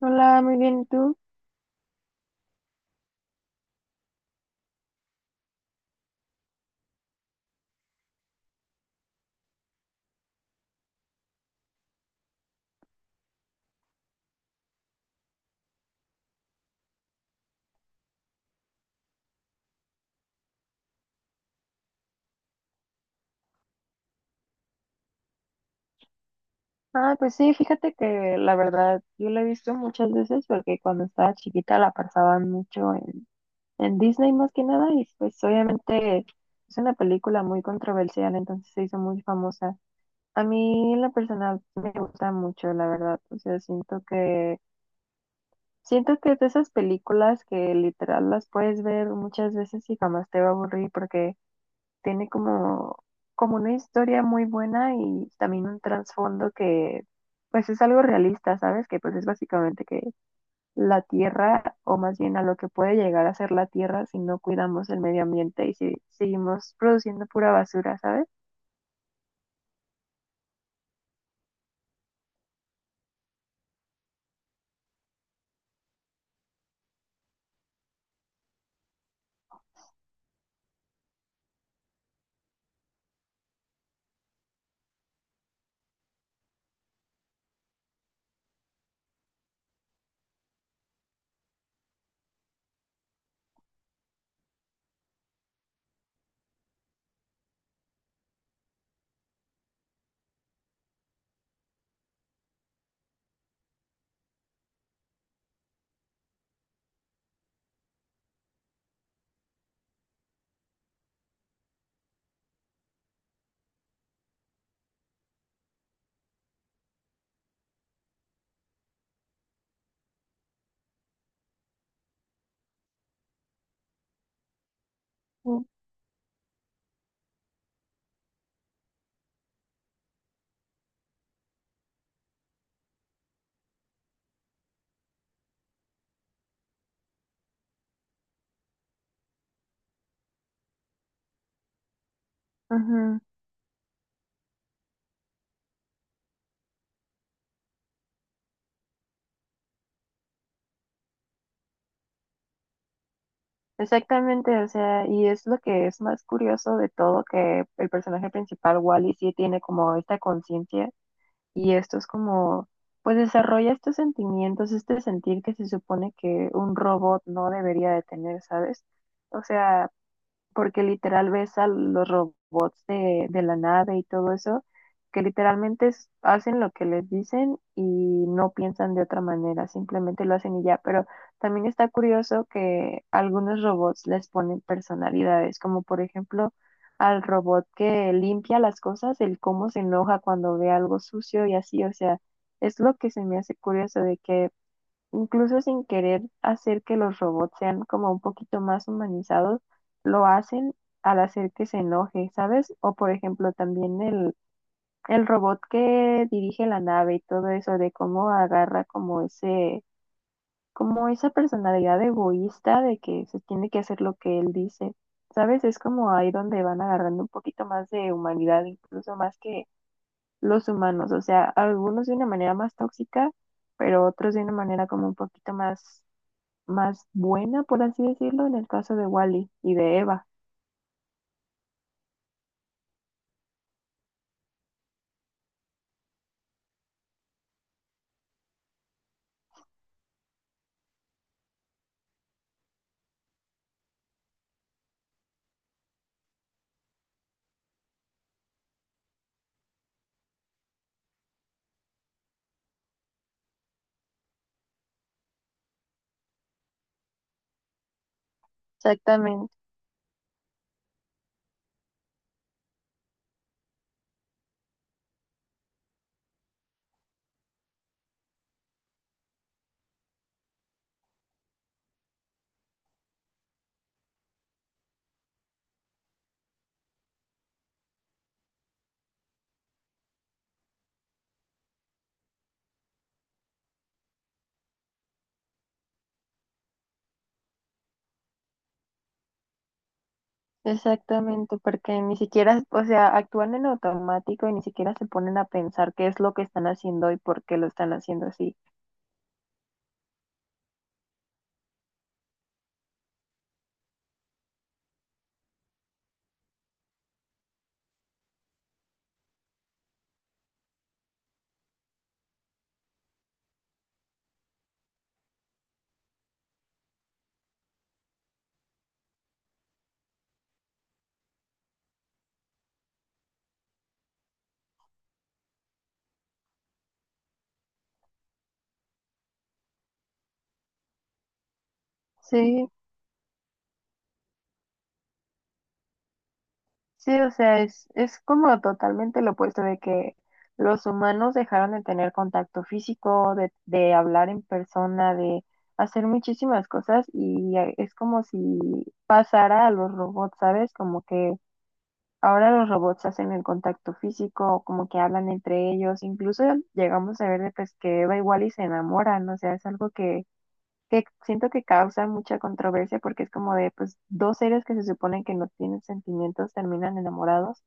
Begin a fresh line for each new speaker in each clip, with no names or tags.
Hola, muy bien, ¿y tú? Ah, pues sí, fíjate que la verdad yo la he visto muchas veces porque cuando estaba chiquita la pasaban mucho en Disney más que nada y pues obviamente es una película muy controversial, entonces se hizo muy famosa. A mí en lo personal me gusta mucho, la verdad, o sea, siento que es de esas películas que literal las puedes ver muchas veces y jamás te va a aburrir porque tiene como una historia muy buena y también un trasfondo que pues es algo realista, ¿sabes? Que pues es básicamente que la tierra, o más bien a lo que puede llegar a ser la tierra si no cuidamos el medio ambiente y si seguimos produciendo pura basura, ¿sabes? Mm. Ujú. Exactamente, o sea, y es lo que es más curioso de todo, que el personaje principal, Wally, sí tiene como esta conciencia y esto es como, pues desarrolla estos sentimientos, este sentir que se supone que un robot no debería de tener, ¿sabes? O sea, porque literal ves a los robots de la nave y todo eso, que literalmente hacen lo que les dicen y no piensan de otra manera, simplemente lo hacen y ya. Pero también está curioso que algunos robots les ponen personalidades, como por ejemplo al robot que limpia las cosas, el cómo se enoja cuando ve algo sucio y así, o sea, es lo que se me hace curioso de que incluso sin querer hacer que los robots sean como un poquito más humanizados, lo hacen al hacer que se enoje, ¿sabes? O por ejemplo también el robot que dirige la nave y todo eso, de cómo agarra como como esa personalidad egoísta de que se tiene que hacer lo que él dice. ¿Sabes? Es como ahí donde van agarrando un poquito más de humanidad, incluso más que los humanos. O sea, algunos de una manera más tóxica, pero otros de una manera como un poquito más buena, por así decirlo, en el caso de Wally y de Eva. Exactamente, porque ni siquiera, o sea, actúan en automático y ni siquiera se ponen a pensar qué es lo que están haciendo y por qué lo están haciendo así. Sí, sí, o sea, es como totalmente lo opuesto de que los humanos dejaron de tener contacto físico, de hablar en persona, de hacer muchísimas cosas y es como si pasara a los robots, ¿sabes? Como que ahora los robots hacen el contacto físico, como que hablan entre ellos, incluso llegamos a ver de, pues que Eva igual y se enamoran, o sea, es algo que siento que causa mucha controversia porque es como de pues dos seres que se suponen que no tienen sentimientos terminan enamorados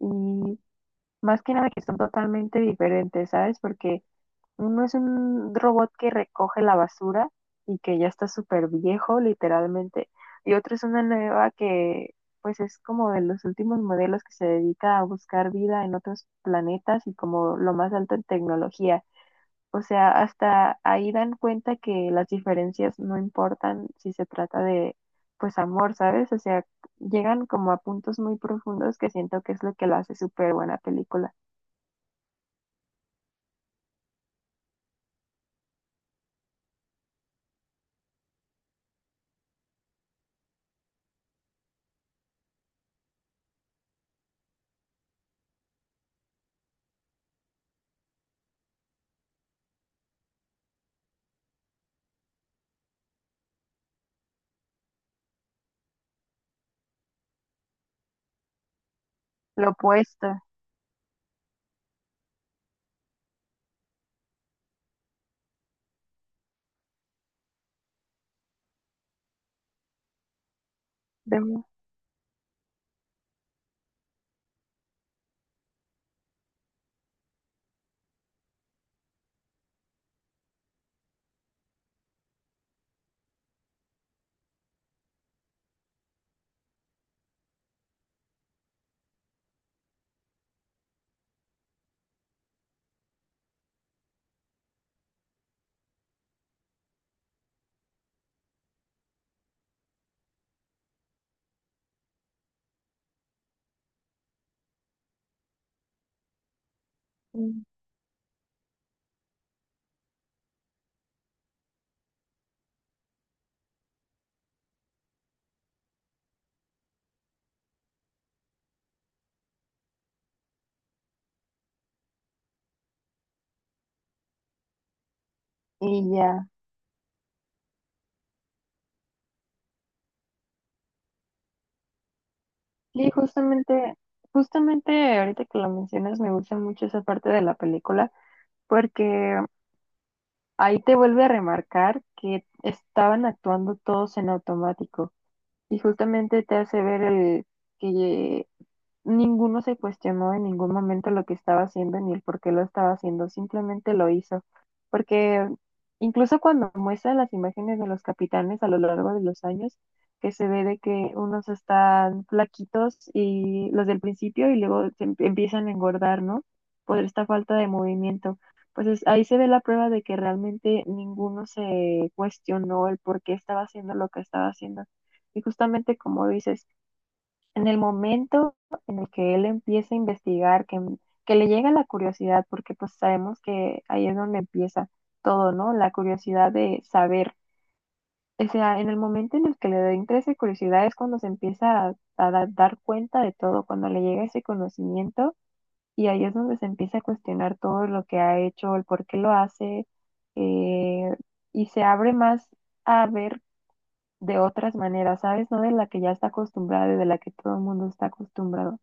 y más que nada que son totalmente diferentes, ¿sabes? Porque uno es un robot que recoge la basura y que ya está súper viejo, literalmente. Y otro es una nueva que, pues, es como de los últimos modelos que se dedica a buscar vida en otros planetas y como lo más alto en tecnología. O sea, hasta ahí dan cuenta que las diferencias no importan si se trata de, pues, amor, ¿sabes? O sea, llegan como a puntos muy profundos que siento que es lo que lo hace súper buena película. Lo opuesto de... Y ya. Sí, justamente ahorita que lo mencionas, me gusta mucho esa parte de la película, porque ahí te vuelve a remarcar que estaban actuando todos en automático y justamente te hace ver el que ninguno se cuestionó en ningún momento lo que estaba haciendo ni el por qué lo estaba haciendo, simplemente lo hizo. Porque incluso cuando muestran las imágenes de los capitanes a lo largo de los años, que se ve de que unos están flaquitos y los del principio y luego empiezan a engordar, ¿no? Por esta falta de movimiento. Pues ahí se ve la prueba de que realmente ninguno se cuestionó el por qué estaba haciendo lo que estaba haciendo. Y justamente como dices, en el momento en el que él empieza a investigar, que le llega la curiosidad, porque pues sabemos que ahí es donde empieza todo, ¿no? La curiosidad de saber. O sea, en el momento en el que le da interés y curiosidad es cuando se empieza a dar cuenta de todo, cuando le llega ese conocimiento y ahí es donde se empieza a cuestionar todo lo que ha hecho, el por qué lo hace eh, y se abre más a ver de otras maneras, ¿sabes? No de la que ya está acostumbrada y de la que todo el mundo está acostumbrado.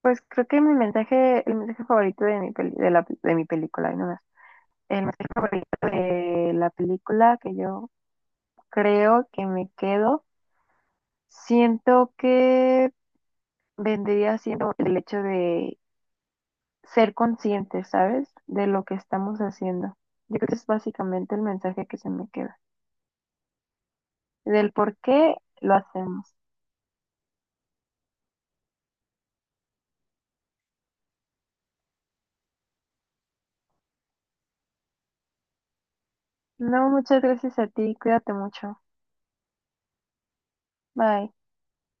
Pues creo que el mensaje favorito de mi peli- de la, de mi película, ay, no. El mensaje favorito de la película que yo creo que me quedo, siento que vendría siendo el hecho de ser conscientes, ¿sabes? De lo que estamos haciendo. Yo creo que es básicamente el mensaje que se me queda, del por qué lo hacemos. No, muchas gracias a ti, cuídate mucho. Bye.